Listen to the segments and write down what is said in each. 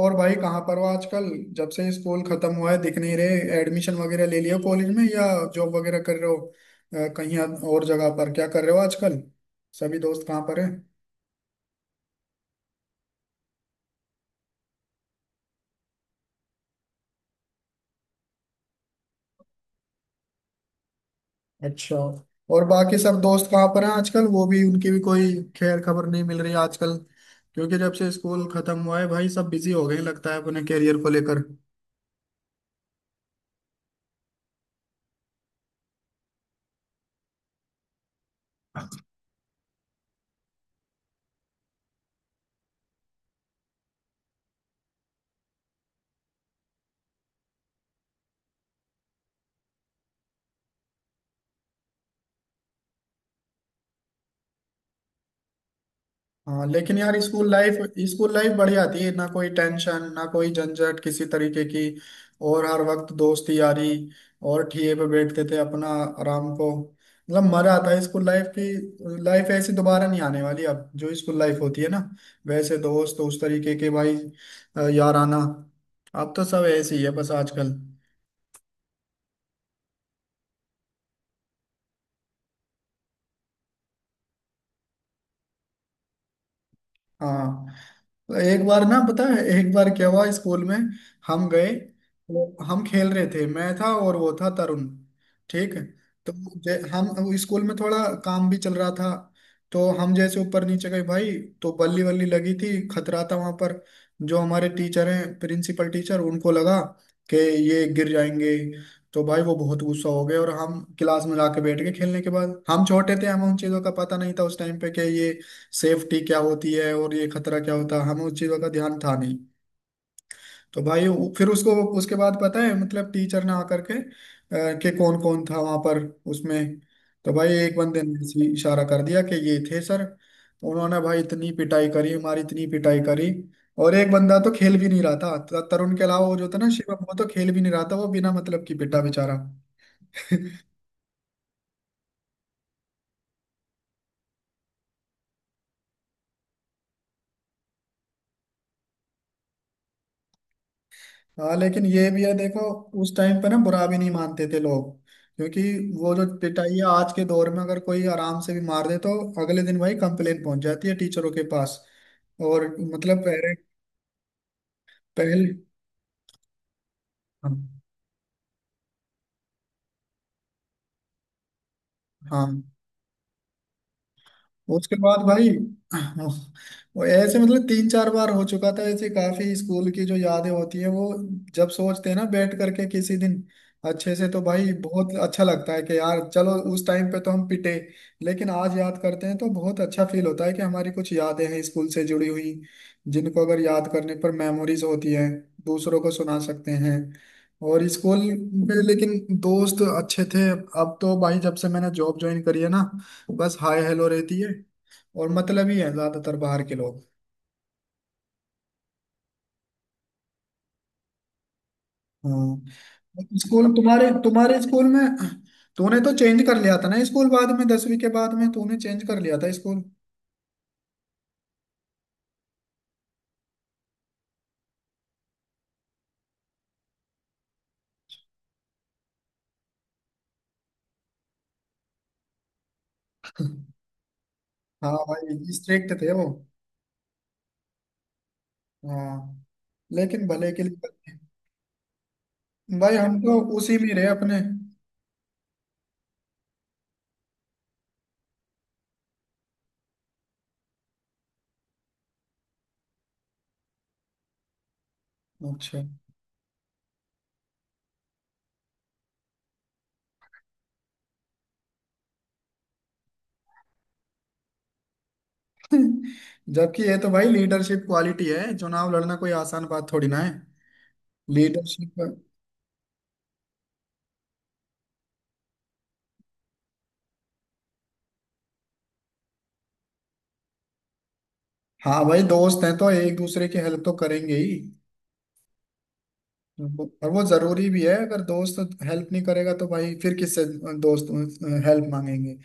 और भाई कहाँ पर हो आजकल। जब से स्कूल खत्म हुआ है दिख नहीं रहे, एडमिशन वगैरह ले लिया कॉलेज में या जॉब वगैरह कर रहे हो? कहीं आप और जगह पर क्या कर रहे हो आजकल? सभी दोस्त कहाँ पर हैं? अच्छा। और बाकी सब दोस्त कहाँ पर हैं आजकल, वो भी, उनकी भी कोई खैर खबर नहीं मिल रही आजकल। क्योंकि जब से स्कूल खत्म हुआ है भाई सब बिजी हो गए हैं, लगता है अपने करियर को लेकर। हाँ लेकिन यार स्कूल लाइफ, स्कूल लाइफ बढ़िया थी ना, कोई टेंशन ना कोई झंझट किसी तरीके की। और हर वक्त दोस्ती यारी। और ठिए पे बैठते थे अपना आराम को। मतलब मजा आता है स्कूल लाइफ की, लाइफ ऐसी दोबारा नहीं आने वाली अब, जो स्कूल लाइफ होती है ना वैसे दोस्त उस तरीके के भाई। यार आना। अब तो सब ऐसे ही है बस आजकल। हाँ। एक बार ना, पता है एक बार क्या हुआ स्कूल में, हम गए तो हम खेल रहे थे, मैं था और वो था तरुण। ठीक। तो हम स्कूल में थोड़ा काम भी चल रहा था, तो हम जैसे ऊपर नीचे गए भाई, तो बल्ली वल्ली लगी थी, खतरा था वहां पर। जो हमारे टीचर हैं, प्रिंसिपल टीचर, उनको लगा कि ये गिर जाएंगे। तो भाई वो बहुत गुस्सा हो गए और हम क्लास में जाके बैठ गए खेलने के बाद। हम छोटे थे, हमें उन चीजों का पता नहीं था उस टाइम पे कि ये सेफ्टी क्या होती है और ये खतरा क्या होता है, हमें उस चीज़ों का ध्यान था नहीं। तो भाई फिर उसको, उसके बाद पता है मतलब टीचर ने आकर के कि कौन कौन था वहां पर उसमें। तो भाई एक बंदे ने ऐसे ही इशारा कर दिया कि ये थे सर। उन्होंने भाई इतनी पिटाई करी हमारी, इतनी पिटाई करी। और एक बंदा तो खेल भी नहीं रहा था, तरुण के अलावा वो जो था ना शिवम, वो तो खेल भी नहीं रहा था, वो बिना मतलब की पिटा बेचारा। हाँ लेकिन ये भी है देखो, उस टाइम पे ना बुरा भी नहीं मानते थे लोग। क्योंकि वो जो पिटाई है, आज के दौर में अगर कोई आराम से भी मार दे तो अगले दिन भाई कंप्लेन पहुंच जाती है टीचरों के पास। और मतलब पहले, पहले हाँ। हाँ, उसके बाद भाई वो ऐसे मतलब तीन चार बार हो चुका था ऐसे। काफी स्कूल की जो यादें होती हैं वो, जब सोचते हैं ना बैठ करके किसी दिन अच्छे से, तो भाई बहुत अच्छा लगता है कि यार चलो उस टाइम पे तो हम पिटे, लेकिन आज याद करते हैं तो बहुत अच्छा फील होता है कि हमारी कुछ यादें हैं स्कूल से जुड़ी हुई, जिनको अगर याद करने पर मेमोरीज होती है, दूसरों को सुना सकते हैं। और स्कूल में लेकिन दोस्त अच्छे थे। अब तो भाई जब से मैंने जॉब ज्वाइन करी है ना, तो बस हाय हेलो रहती है। और मतलब ही है, ज्यादातर बाहर के लोग। हाँ स्कूल, तुम्हारे तुम्हारे स्कूल में तूने तो चेंज कर लिया था ना स्कूल बाद में, 10वीं के बाद में तूने चेंज कर लिया था स्कूल। हाँ भाई स्ट्रिक्ट थे वो। हाँ लेकिन भले के लिए करते हैं। भाई हम तो उसी में रहे अपने। अच्छा। जबकि ये तो भाई लीडरशिप क्वालिटी है, चुनाव लड़ना कोई आसान बात थोड़ी ना है। लीडरशिप। हाँ भाई दोस्त हैं तो एक दूसरे की हेल्प तो करेंगे ही। और वो जरूरी भी है, अगर दोस्त हेल्प नहीं करेगा तो भाई फिर किससे दोस्त हेल्प मांगेंगे।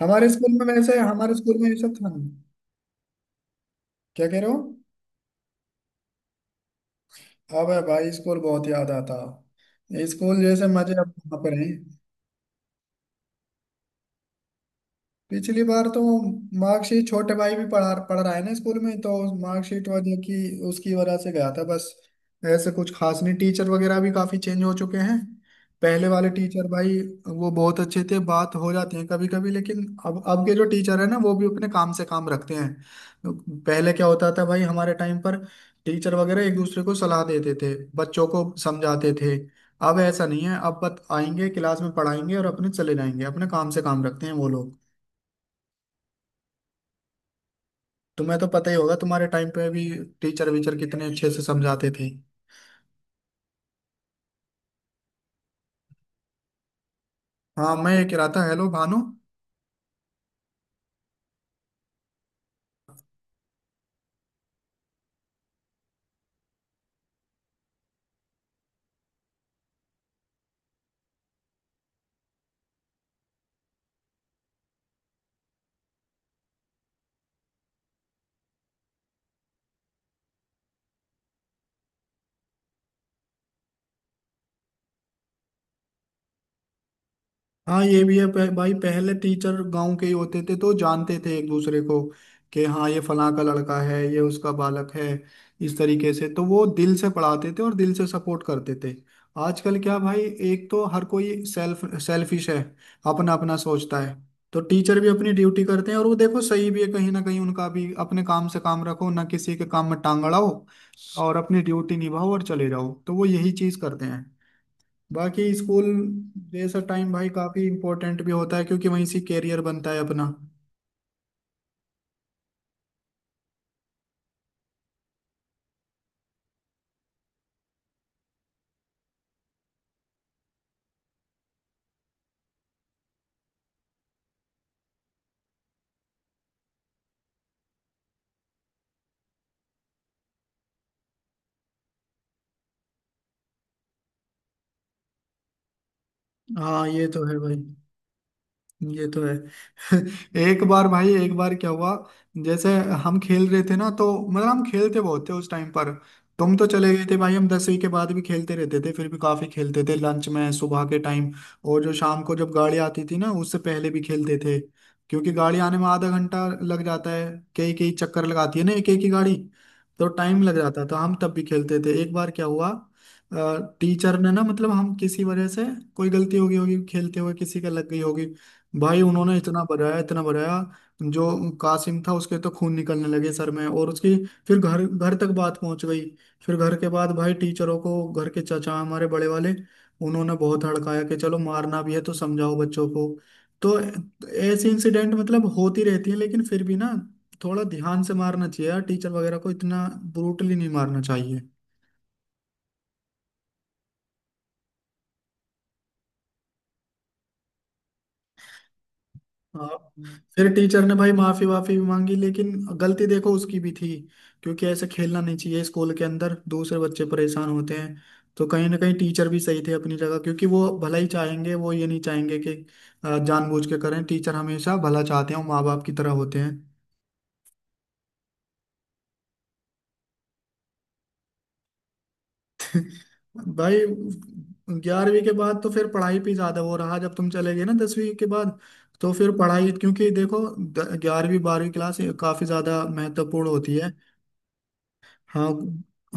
हमारे स्कूल में, वैसे हमारे स्कूल में ये सब था नहीं। क्या कह रहे हो? अब भाई स्कूल बहुत याद आता, स्कूल जैसे मजे अब कहाँ पर हैं। पिछली बार तो मार्कशीट, छोटे भाई भी पढ़ा पढ़ रहा है ना स्कूल में, तो मार्कशीट वजह की, उसकी वजह से गया था बस। ऐसे कुछ खास नहीं, टीचर वगैरह भी काफी चेंज हो चुके हैं। पहले वाले टीचर भाई वो बहुत अच्छे थे, बात हो जाती है कभी कभी। लेकिन अब के जो टीचर है ना वो भी अपने काम से काम रखते हैं। पहले क्या होता था भाई, हमारे टाइम पर टीचर वगैरह एक दूसरे को सलाह देते थे, बच्चों को समझाते थे। अब ऐसा नहीं है, अब बत आएंगे क्लास में, पढ़ाएंगे और अपने चले जाएंगे, अपने काम से काम रखते हैं वो लोग। तुम्हें तो पता ही होगा तुम्हारे टाइम पे भी टीचर वीचर कितने अच्छे से समझाते थे। हाँ मैं ये कह रहा था, हेलो भानु। हाँ ये भी है, भाई पहले टीचर गांव के ही होते थे तो जानते थे एक दूसरे को, कि हाँ ये फलां का लड़का है, ये उसका बालक है। इस तरीके से तो वो दिल से पढ़ाते थे और दिल से सपोर्ट करते थे। आजकल क्या भाई, एक तो हर कोई सेल्फिश है, अपना अपना सोचता है। तो टीचर भी अपनी ड्यूटी करते हैं, और वो देखो सही भी है कहीं ना कहीं उनका भी, अपने काम से काम रखो, ना किसी के काम में टांग अड़ाओ, और अपनी ड्यूटी निभाओ और चले जाओ, तो वो यही चीज करते हैं। बाकी स्कूल जैसा टाइम भाई काफी इम्पोर्टेंट भी होता है क्योंकि वहीं से कैरियर बनता है अपना। हाँ ये तो है भाई, ये तो है। एक बार भाई, एक बार क्या हुआ, जैसे हम खेल रहे थे ना, तो मतलब हम खेलते बहुत थे उस टाइम पर। तुम तो चले गए थे भाई, हम 10वीं के बाद भी खेलते रहते थे फिर भी, काफी खेलते थे लंच में, सुबह के टाइम और जो शाम को जब गाड़ी आती थी ना उससे पहले भी खेलते थे। क्योंकि गाड़ी आने में आधा घंटा लग जाता है, कई कई चक्कर लगाती है ना एक एक ही गाड़ी। तो टाइम लग जाता था, हम तब भी खेलते थे। एक बार क्या हुआ, टीचर ने ना, मतलब हम किसी वजह से, कोई गलती हो गई होगी खेलते हुए, किसी का लग गई होगी। भाई उन्होंने इतना बजाया, इतना बजाया जो कासिम था उसके तो खून निकलने लगे सर में, और उसकी फिर घर घर तक बात पहुंच गई। फिर घर के बाद भाई टीचरों को, घर के चाचा हमारे बड़े वाले, उन्होंने बहुत हड़काया कि चलो मारना भी है तो समझाओ बच्चों को। तो ऐसे इंसिडेंट मतलब होती रहती है, लेकिन फिर भी ना, थोड़ा ध्यान से मारना चाहिए यार, टीचर वगैरह को इतना ब्रूटली नहीं मारना चाहिए। हाँ, फिर टीचर ने भाई माफी वाफी भी मांगी, लेकिन गलती देखो उसकी भी थी क्योंकि ऐसे खेलना नहीं चाहिए स्कूल के अंदर, दूसरे बच्चे परेशान होते हैं। तो कहीं ना कहीं टीचर भी सही थे अपनी जगह, क्योंकि वो भला ही चाहेंगे, वो ये नहीं चाहेंगे कि जानबूझ के करें, टीचर हमेशा भला चाहते हैं, माँ बाप की तरह होते हैं। भाई 11वीं के बाद तो फिर पढ़ाई पे ज्यादा वो रहा, जब तुम चले गए ना 10वीं के बाद, तो फिर पढ़ाई, क्योंकि देखो 11वीं 12वीं क्लास काफी ज्यादा महत्वपूर्ण होती है। हाँ।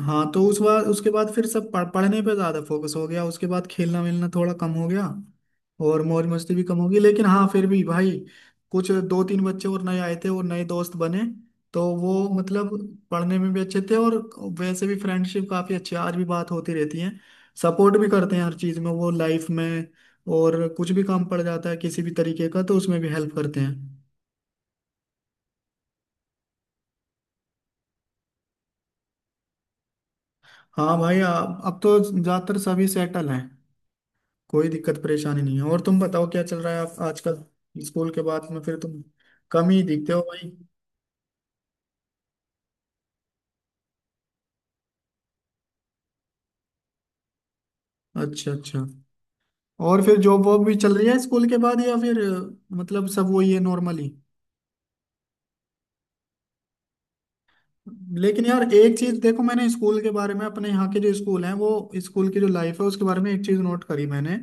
हाँ तो उस बार, उसके बाद फिर सब पढ़ने पे ज्यादा फोकस हो गया, उसके बाद खेलना मिलना थोड़ा कम हो गया, और मौज मस्ती भी कम हो गई। लेकिन हाँ फिर भी भाई कुछ दो तीन बच्चे और नए आए थे और नए दोस्त बने, तो वो मतलब पढ़ने में भी अच्छे थे। और वैसे भी फ्रेंडशिप काफी अच्छी है, आज भी बात होती रहती है, सपोर्ट भी करते हैं हर चीज में वो लाइफ में। और कुछ भी काम पड़ जाता है किसी भी तरीके का तो उसमें भी हेल्प करते हैं। हाँ भाई अब तो ज्यादातर सभी सेटल हैं, कोई दिक्कत परेशानी नहीं है। और तुम बताओ क्या चल रहा है आप आजकल, स्कूल के बाद में फिर तुम कम ही दिखते हो भाई। अच्छा अच्छा। और फिर जॉब वॉब भी चल रही है स्कूल के बाद या फिर मतलब सब वही है नॉर्मली? लेकिन यार एक चीज देखो, मैंने स्कूल के बारे में, अपने यहाँ के जो स्कूल हैं वो, स्कूल की जो लाइफ है उसके बारे में एक चीज नोट करी मैंने।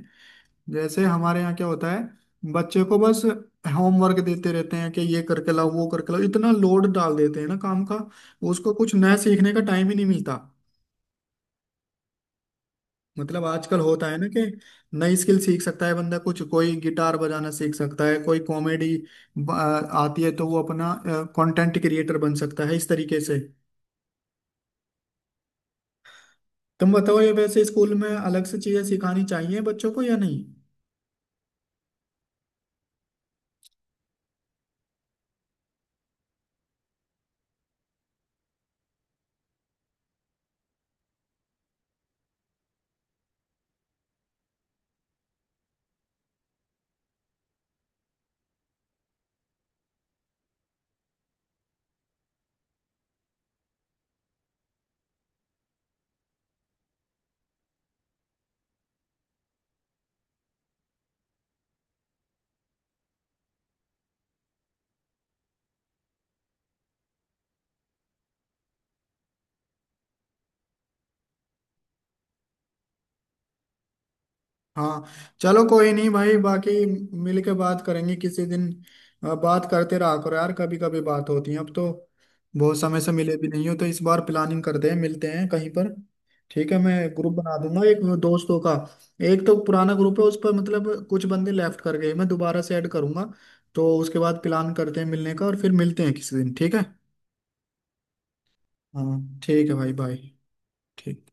जैसे हमारे यहाँ क्या होता है, बच्चे को बस होमवर्क देते रहते हैं कि ये करके लाओ, वो करके लाओ, इतना लोड डाल देते हैं ना काम का, उसको कुछ नया सीखने का टाइम ही नहीं मिलता। मतलब आजकल होता है ना कि नई स्किल सीख सकता है बंदा कुछ, कोई गिटार बजाना सीख सकता है, कोई कॉमेडी आती है तो वो अपना कंटेंट क्रिएटर बन सकता है इस तरीके से। तुम बताओ ये, वैसे स्कूल में अलग से चीजें सिखानी चाहिए बच्चों को या नहीं? हाँ चलो कोई नहीं भाई, बाकी मिल के बात करेंगे किसी दिन। बात करते रहा करो यार, कभी कभी बात होती है अब तो, बहुत समय से मिले भी नहीं हो, तो इस बार प्लानिंग करते हैं, मिलते हैं कहीं पर। ठीक है मैं ग्रुप बना दूंगा एक दोस्तों का। एक तो पुराना ग्रुप है उस पर, मतलब कुछ बंदे लेफ्ट कर गए, मैं दोबारा से ऐड करूंगा, तो उसके बाद प्लान करते हैं मिलने का और फिर मिलते हैं किसी दिन, ठीक है। हाँ ठीक है भाई, बाय। ठीक।